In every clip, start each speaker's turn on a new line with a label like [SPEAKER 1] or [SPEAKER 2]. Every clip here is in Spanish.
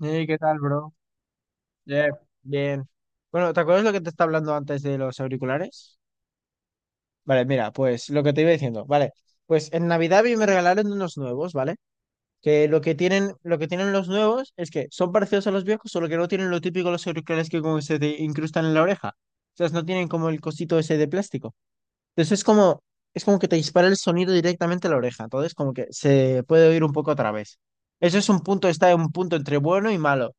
[SPEAKER 1] Hey, ¿qué tal, bro? Yeah, bien. Bueno, ¿te acuerdas lo que te estaba hablando antes de los auriculares? Vale, mira, pues lo que te iba diciendo, vale. Pues en Navidad a mí me regalaron unos nuevos, ¿vale? Que lo que tienen los nuevos es que son parecidos a los viejos, solo que no tienen lo típico los auriculares que como se te incrustan en la oreja. O sea, no tienen como el cosito ese de plástico. Entonces es como que te dispara el sonido directamente a la oreja. Entonces como que se puede oír un poco a través. Eso es un punto, está en un punto entre bueno y malo.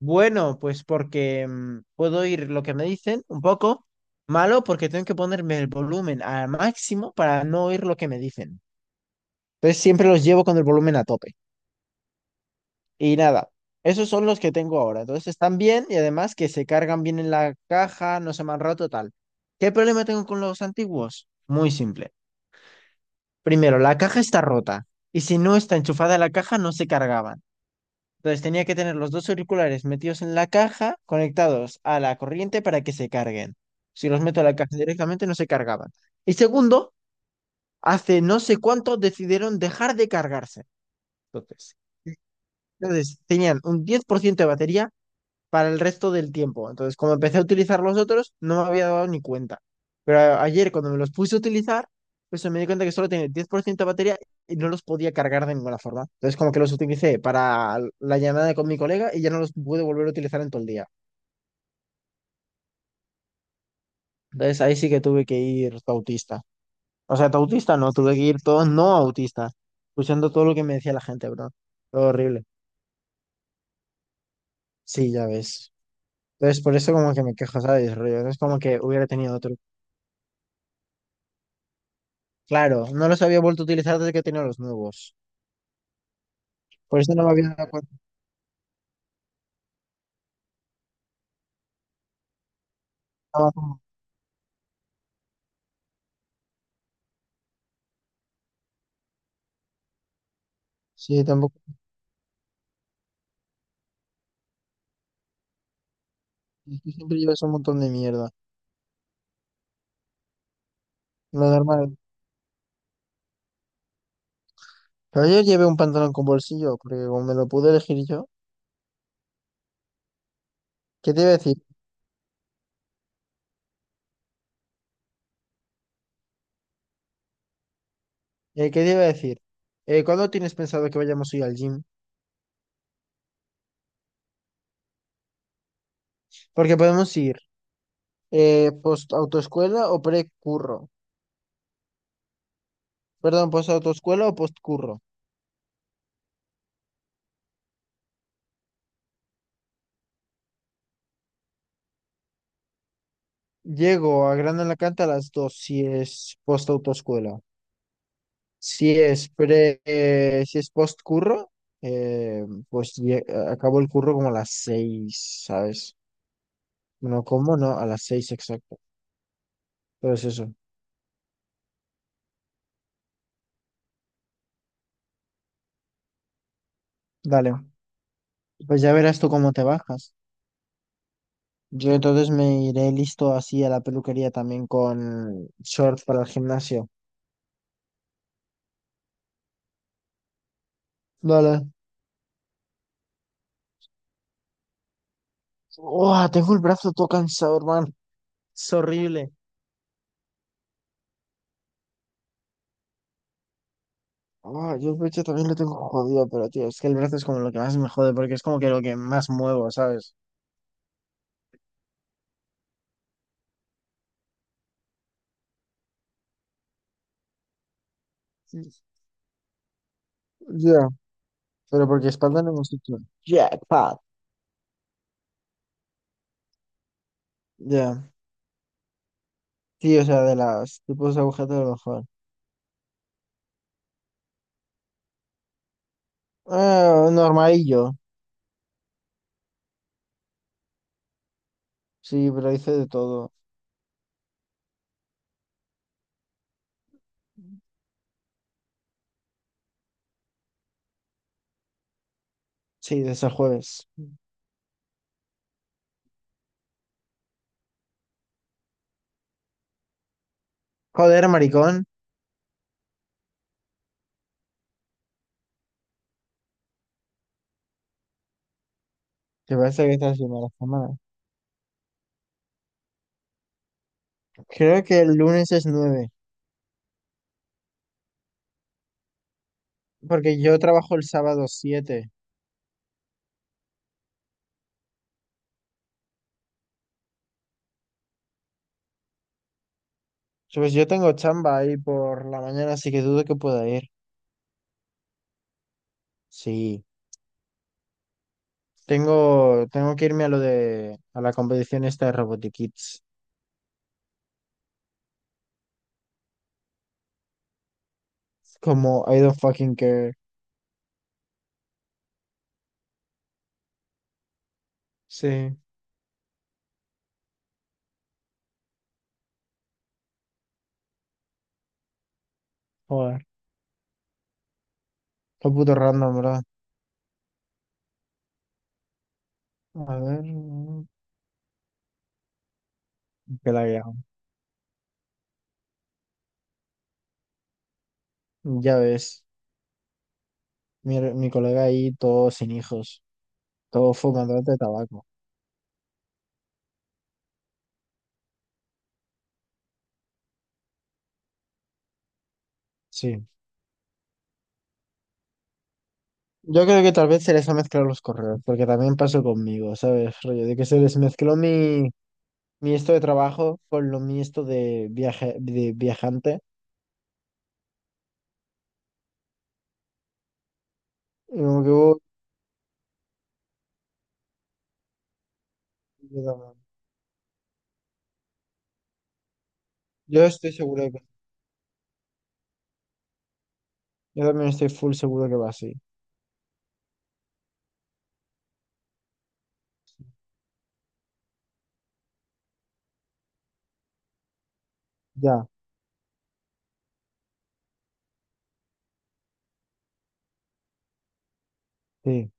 [SPEAKER 1] Bueno, pues porque puedo oír lo que me dicen un poco. Malo porque tengo que ponerme el volumen al máximo para no oír lo que me dicen. Entonces siempre los llevo con el volumen a tope. Y nada, esos son los que tengo ahora. Entonces están bien y además que se cargan bien en la caja, no se me han roto tal. ¿Qué problema tengo con los antiguos? Muy simple. Primero, la caja está rota y si no está enchufada la caja no se cargaban. Entonces tenía que tener los dos auriculares metidos en la caja, conectados a la corriente para que se carguen. Si los meto a la caja directamente no se cargaban. Y segundo, hace no sé cuánto decidieron dejar de cargarse. Entonces, entonces tenían un 10% de batería para el resto del tiempo. Entonces, como empecé a utilizar los otros, no me había dado ni cuenta. Pero ayer, cuando me los puse a utilizar, pues me di cuenta que solo tenía 10% de batería y no los podía cargar de ninguna forma. Entonces, como que los utilicé para la llamada con mi colega y ya no los pude volver a utilizar en todo el día. Entonces, ahí sí que tuve que ir autista. O sea, autista no, tuve que ir todo no autista, escuchando todo lo que me decía la gente, bro. Todo horrible. Sí, ya ves. Entonces, por eso como que me quejo, ¿sabes? Rollo, no es como que hubiera tenido otro. Claro, no los había vuelto a utilizar desde que tenía los nuevos. Por eso no me había dado cuenta. Estaba como- Sí, tampoco. Es que siempre llevas un montón de mierda. Lo normal. Pero ayer llevé un pantalón con bolsillo, porque como me lo pude elegir yo. ¿Qué te iba a decir? ¿Qué te iba a decir? ¿Cuándo tienes pensado que vayamos a ir al gym? Porque podemos ir post autoescuela o pre-curro. Perdón, post autoescuela o post curro. Llego a Gran Alacant a las 2 si es post autoescuela. Si es pre, si es post curro, eh, pues acabo el curro como a las 6, ¿sabes? No, ¿cómo no? A las seis exacto. Pero es eso. Dale. Pues ya verás tú cómo te bajas. Yo entonces me iré listo así a la peluquería también con shorts para el gimnasio. Dale. Uah, tengo el brazo todo cansado, hermano. Es horrible. Ah, yo el pecho también lo tengo jodido, pero tío, es que el brazo es como lo que más me jode porque es como que lo que más muevo, ¿sabes? Ya. Pero porque espalda no hemos hecho jackpot. Ya. Sí, o sea, de las tipos de agujetas de lo mejor. Ah, normalillo. Sí, pero hice de todo. Sí, desde el jueves. Joder, maricón. Que parece que estás haciendo la semana. Creo que el lunes es 9. Porque yo trabajo el sábado 7. So, pues yo tengo chamba ahí por la mañana, así que dudo que pueda ir. Sí. Tengo que irme a lo de, a la competición esta de Robotic Kids. Como I don't fucking care. Sí. Joder. Está puto random, ¿verdad? A ver, que la guía. Ya ves, mi colega ahí, todo sin hijos, todo fumándote de tabaco. Sí. Yo creo que tal vez se les ha mezclado los correos, porque también pasó conmigo, ¿sabes? Rollo de que se les mezcló mi, mi esto de trabajo con lo mi esto de, viaje, de viajante. Y como que hubo- Yo también yo estoy seguro de que. Yo también estoy full seguro que va así. Ya, sí,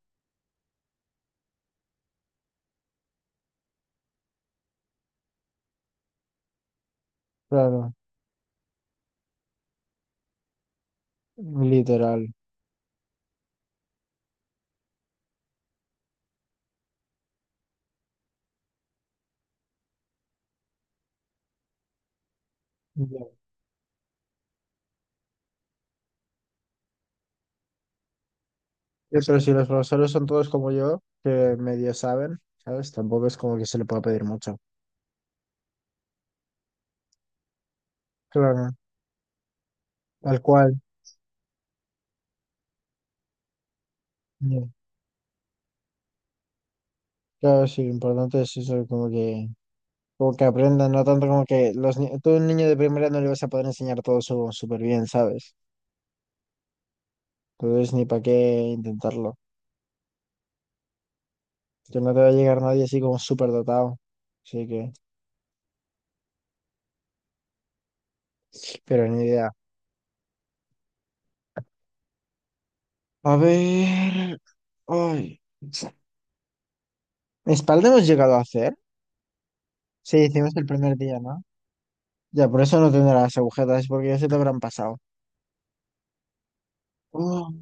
[SPEAKER 1] claro, literal. Pero si los profesores son todos como yo, que medio saben, ¿sabes? Tampoco es como que se le pueda pedir mucho. Claro, tal cual. Ya. Claro, sí, lo importante es eso, como que aprendan, no tanto como que los tú a un niño de primera no le vas a poder enseñar todo súper bien, ¿sabes? Entonces ni para qué intentarlo. Que no te va a llegar nadie así como súper dotado. Así que, pero ni idea. A ver. Ay. ¿Espalda hemos llegado a hacer? Sí, hicimos el primer día, ¿no? Ya, por eso no tendrás agujetas, porque ya se te habrán pasado. Oh,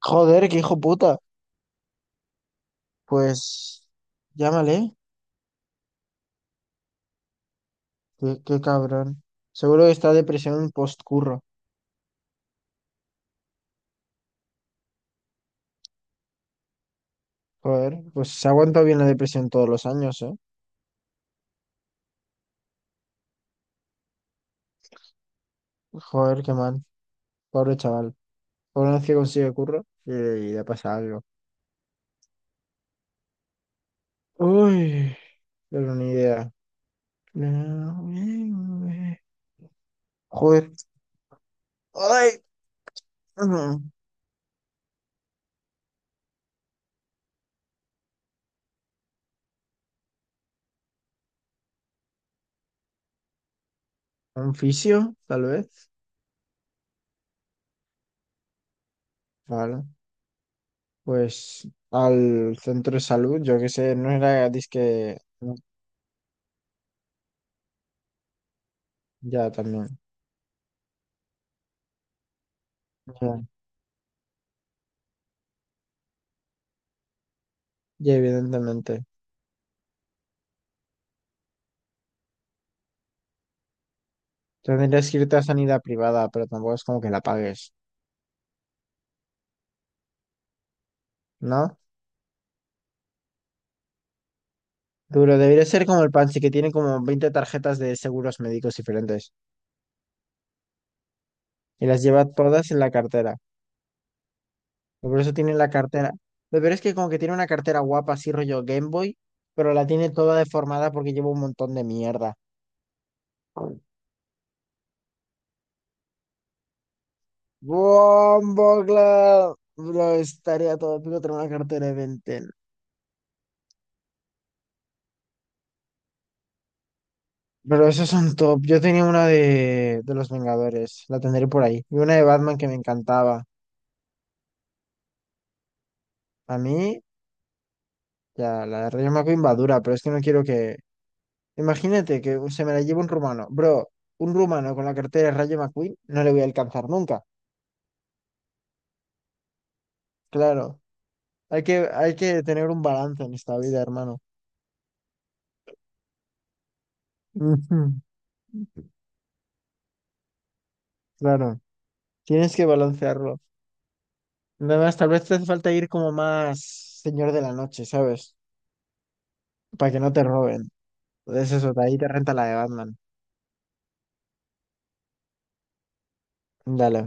[SPEAKER 1] joder, qué hijo puta. Pues llámale, qué, qué cabrón. Seguro que está depresión postcurro. Joder, pues se aguanta bien la depresión todos los años, ¿eh? Joder, qué mal. Pobre chaval. Por una vez que consigue curro, y le pasa algo. Uy, pero ni idea. Joder. Ay, mm, un fisio, tal vez. Vale. Pues al centro de salud, yo qué sé, no era disque. No, ya también. Ya, ya, evidentemente. Tendrías que irte a sanidad privada, pero tampoco es como que la pagues, ¿no? Duro, debería ser como el Pansy, que tiene como 20 tarjetas de seguros médicos diferentes. Y las lleva todas en la cartera. Y por eso tiene la cartera. Lo peor es que como que tiene una cartera guapa, así rollo Game Boy, pero la tiene toda deformada porque lleva un montón de mierda. Bumbleclad. Bro, estaría todo épico tener una cartera de Ben 10. Pero esos son top. Yo tenía una de los Vengadores, la tendré por ahí. Y una de Batman que me encantaba. A mí, ya, la de Rayo McQueen va dura, pero es que no quiero que. Imagínate que se me la lleve un rumano. Bro, un rumano con la cartera de Rayo McQueen no le voy a alcanzar nunca. Claro, hay que tener un balance en esta vida, hermano. Ujú, claro, tienes que balancearlo. Nada más, tal vez te hace falta ir como más señor de la noche, ¿sabes? Para que no te roben. Es eso, de ahí te renta la de Batman. Dale.